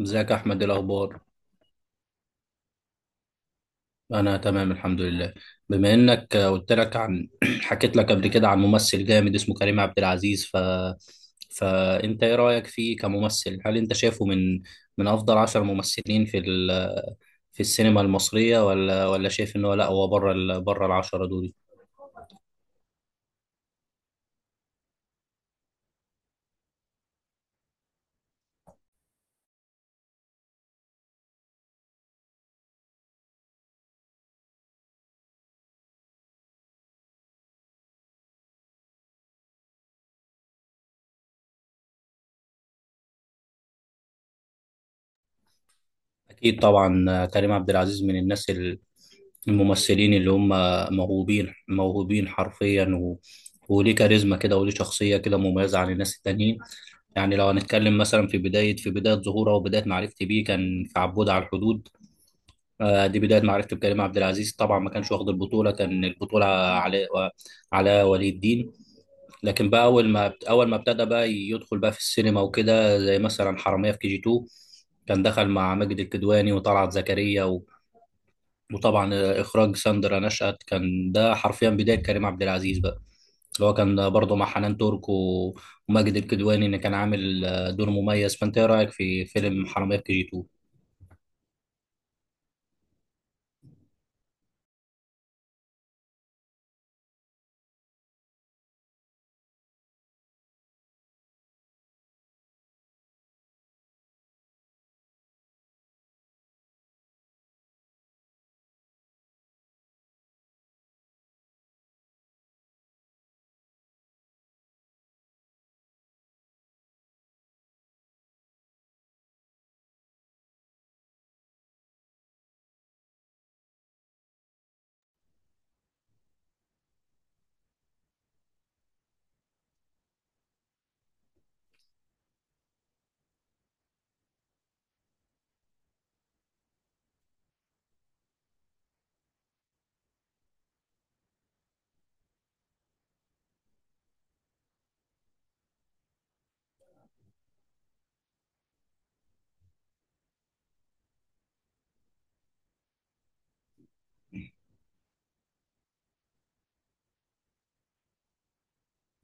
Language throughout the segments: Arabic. ازيك يا احمد؟ إيه الاخبار؟ انا تمام الحمد لله. بما انك قلت لك عن حكيت لك قبل كده عن ممثل جامد اسمه كريم عبد العزيز ف فانت ايه رايك فيه كممثل؟ هل انت شايفه من افضل عشر ممثلين في في السينما المصريه، ولا شايف ان هو لا، هو بره بره العشره دول؟ اكيد طبعا كريم عبد العزيز من الناس الممثلين اللي هم موهوبين حرفيا، وليه كاريزما كده، وليه شخصيه كده مميزه عن الناس التانيين. يعني لو هنتكلم مثلا في بداية ظهوره وبداية معرفتي بيه، كان في عبود على الحدود. دي بداية معرفتي بكريم عبد العزيز. طبعا ما كانش واخد البطولة، كان البطولة على ولي الدين. لكن بقى أول ما ابتدى بقى يدخل بقى في السينما وكده، زي مثلا حرامية في كي جي 2، كان دخل مع ماجد الكدواني وطلعت زكريا، وطبعا إخراج ساندرا نشأت، كان ده حرفيا بداية كريم عبد العزيز بقى، اللي هو كان برضه مع حنان ترك وماجد الكدواني، اللي كان عامل دور مميز. فانت ايه رايك في فيلم حرامية في كي جي 2؟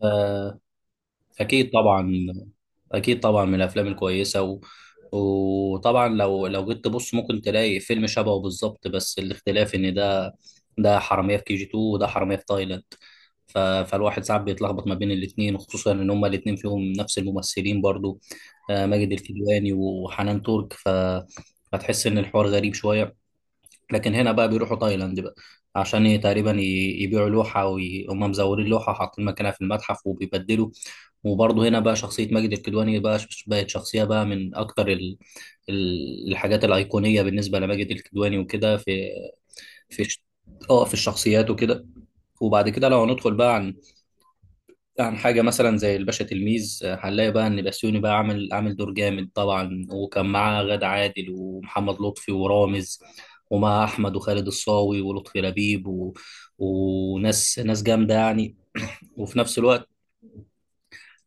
آه، اكيد طبعا. اكيد طبعا، من الافلام الكويسه، وطبعا لو جيت تبص ممكن تلاقي فيلم شبهه بالظبط، بس الاختلاف ان ده حراميه في كي جي 2، وده حراميه في تايلاند. فالواحد ساعات بيتلخبط ما بين الاثنين، خصوصا ان هما الاثنين فيهم نفس الممثلين برضو، ماجد الكدواني وحنان ترك. فتحس ان الحوار غريب شويه. لكن هنا بقى بيروحوا تايلاند بقى، عشان تقريبا يبيعوا لوحة، وهم مزورين لوحة حاطين مكانها في المتحف وبيبدلوا. وبرضه هنا بقى شخصية ماجد الكدواني بقى بقت شخصية بقى من أكتر الحاجات الأيقونية بالنسبة لماجد الكدواني وكده. في في ش- اه، في الشخصيات وكده. وبعد كده لو هندخل بقى عن حاجة مثلا زي الباشا تلميذ، هنلاقي بقى إن بسيوني بقى عامل دور جامد طبعا، وكان معاه غادة عادل ومحمد لطفي ورامز، ومع أحمد وخالد الصاوي ولطفي لبيب، وناس جامدة يعني. وفي نفس الوقت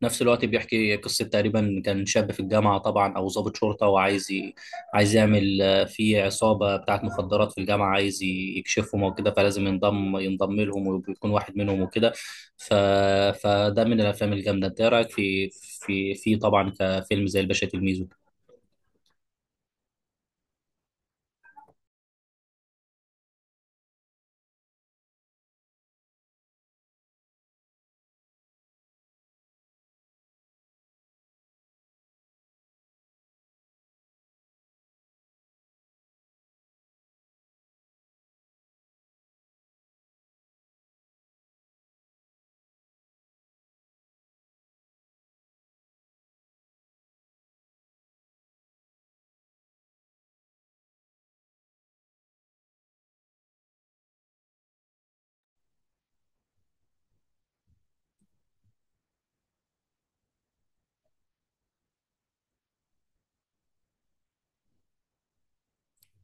بيحكي قصة تقريبا كان شاب في الجامعة، طبعا أو ضابط شرطة، وعايز عايز يعمل، في عصابة بتاعت مخدرات في الجامعة عايز يكشفهم وكده، فلازم ينضم لهم ويكون واحد منهم وكده. ف... فده من الأفلام الجامدة. أنت إيه رأيك في طبعا كفيلم زي الباشا تلميذ وكده؟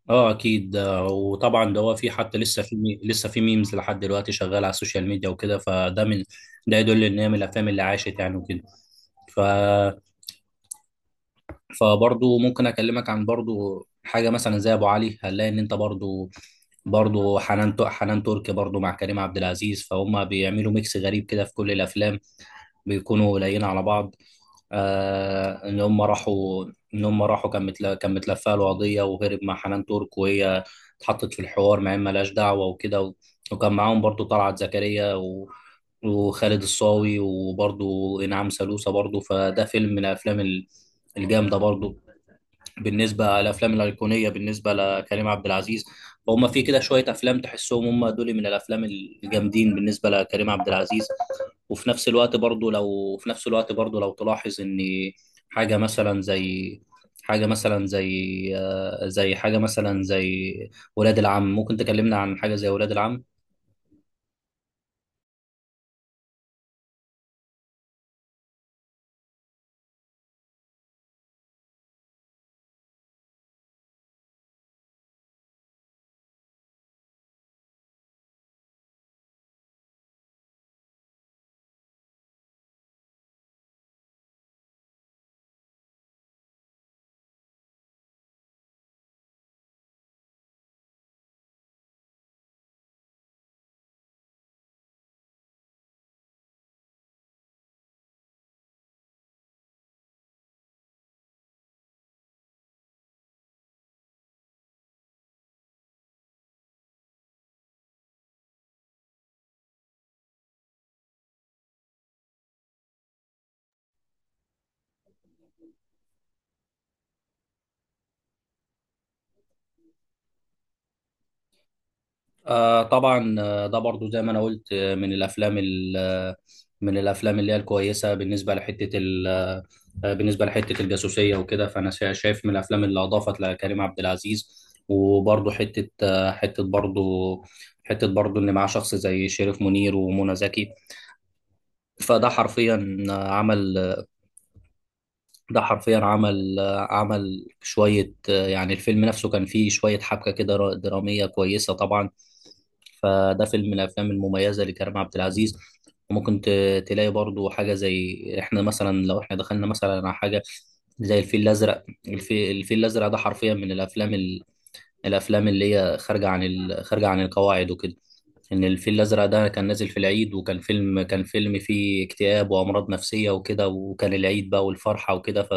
اه، اكيد. وطبعا ده هو، في حتى لسه في لسه في ميمز لحد دلوقتي شغال على السوشيال ميديا وكده. فده من يدل ان هي من الافلام اللي عاشت يعني وكده. ف فبرضو ممكن اكلمك عن برضو حاجه مثلا زي ابو علي. هنلاقي ان انت برضو حنان تركي برضو مع كريم عبد العزيز، فهم بيعملوا ميكس غريب كده في كل الافلام، بيكونوا قليلين على بعض. آه، ان هم راحوا كان كان متلفه له قضيه وهرب مع حنان ترك، وهي اتحطت في الحوار مع إن ملهاش دعوه وكده، وكان معاهم برضو طلعت زكريا، وخالد الصاوي وبرضو انعام سالوسة برضو. فده فيلم من الافلام الجامده برضو بالنسبه للافلام الايقونيه بالنسبه لكريم عبد العزيز. فهم في كده شويه افلام تحسهم هم دول من الافلام الجامدين بالنسبه لكريم عبد العزيز. وفي نفس الوقت برضو، لو تلاحظ ان حاجه مثلا زي حاجه مثلا زي آه، زي حاجه مثلا زي ولاد العم. ممكن تكلمنا عن حاجه زي ولاد العم. آه طبعا، ده برضو زي ما انا قلت، من الافلام من الافلام اللي هي الكويسه، بالنسبه لحته بالنسبه لحته الجاسوسيه وكده. فانا شايف من الافلام اللي اضافت لكريم عبد العزيز. وبرضو حته، حته برضو ان معاه شخص زي شريف منير ومنى زكي. فده حرفيا آه، عمل ده حرفيا عمل، شوية يعني الفيلم نفسه كان فيه شوية حبكة كده درامية كويسة طبعا. فده فيلم من الأفلام المميزة لكريم عبد العزيز. وممكن تلاقي برضو حاجة زي إحنا مثلا، لو إحنا دخلنا مثلا على حاجة زي الفيل الأزرق. الفيل الأزرق ده حرفيا من الأفلام الأفلام اللي هي خارجة عن خارجة عن القواعد وكده. ان الفيل الازرق ده كان نازل في العيد، وكان فيلم كان فيلم فيه اكتئاب وامراض نفسيه وكده، وكان العيد بقى والفرحه وكده.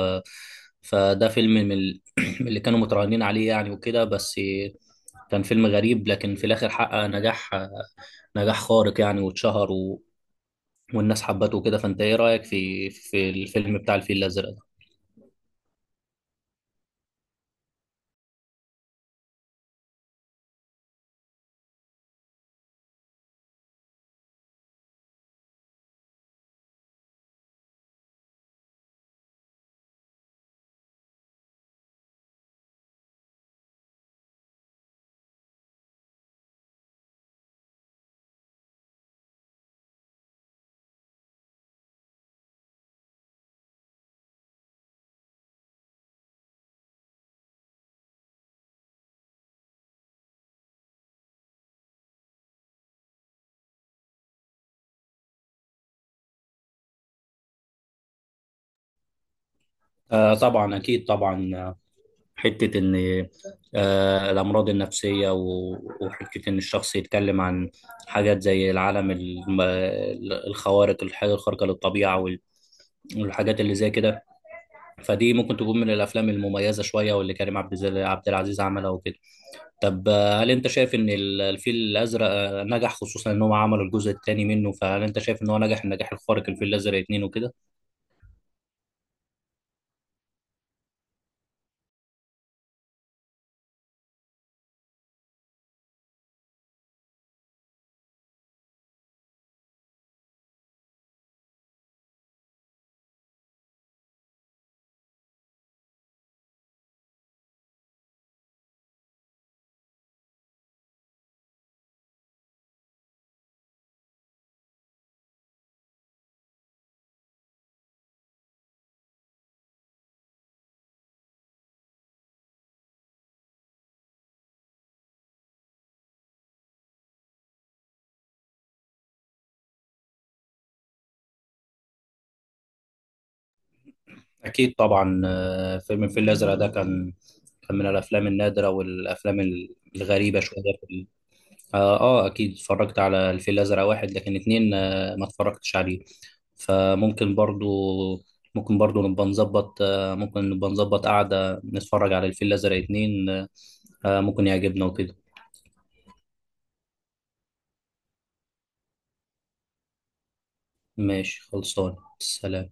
فده فيلم من من اللي كانوا متراهنين عليه يعني وكده بس. كان فيلم غريب، لكن في الاخر حقق نجاح، خارق يعني، واتشهر، والناس حبته وكده. فانت ايه رايك في الفيلم بتاع الفيل الازرق ده؟ آه طبعا، اكيد طبعا. حتة إن الأمراض النفسية، وحتة إن الشخص يتكلم عن حاجات زي العالم الخوارق، الحاجة الخارقة للطبيعة والحاجات اللي زي كده. فدي ممكن تكون من الأفلام المميزة شوية، واللي كريم عبد العزيز عملها وكده. طب آه، هل أنت شايف إن الفيل الأزرق نجح، خصوصا إن هم عملوا الجزء الثاني منه؟ فهل أنت شايف إن هو نجح النجاح الخارق، الفيل الأزرق اتنين وكده؟ أكيد طبعا. فيلم الفيل الأزرق ده كان من الأفلام النادرة والأفلام الغريبة شوية في آه, آه أكيد، اتفرجت على الفيل الأزرق واحد، لكن اتنين آه ما اتفرجتش عليه. فممكن برضو، ممكن برضو نبقى نظبط، آه ممكن نبقى نظبط قعدة نتفرج على الفيل الأزرق اتنين. آه، ممكن يعجبنا وكده. ماشي، خلصان، سلام.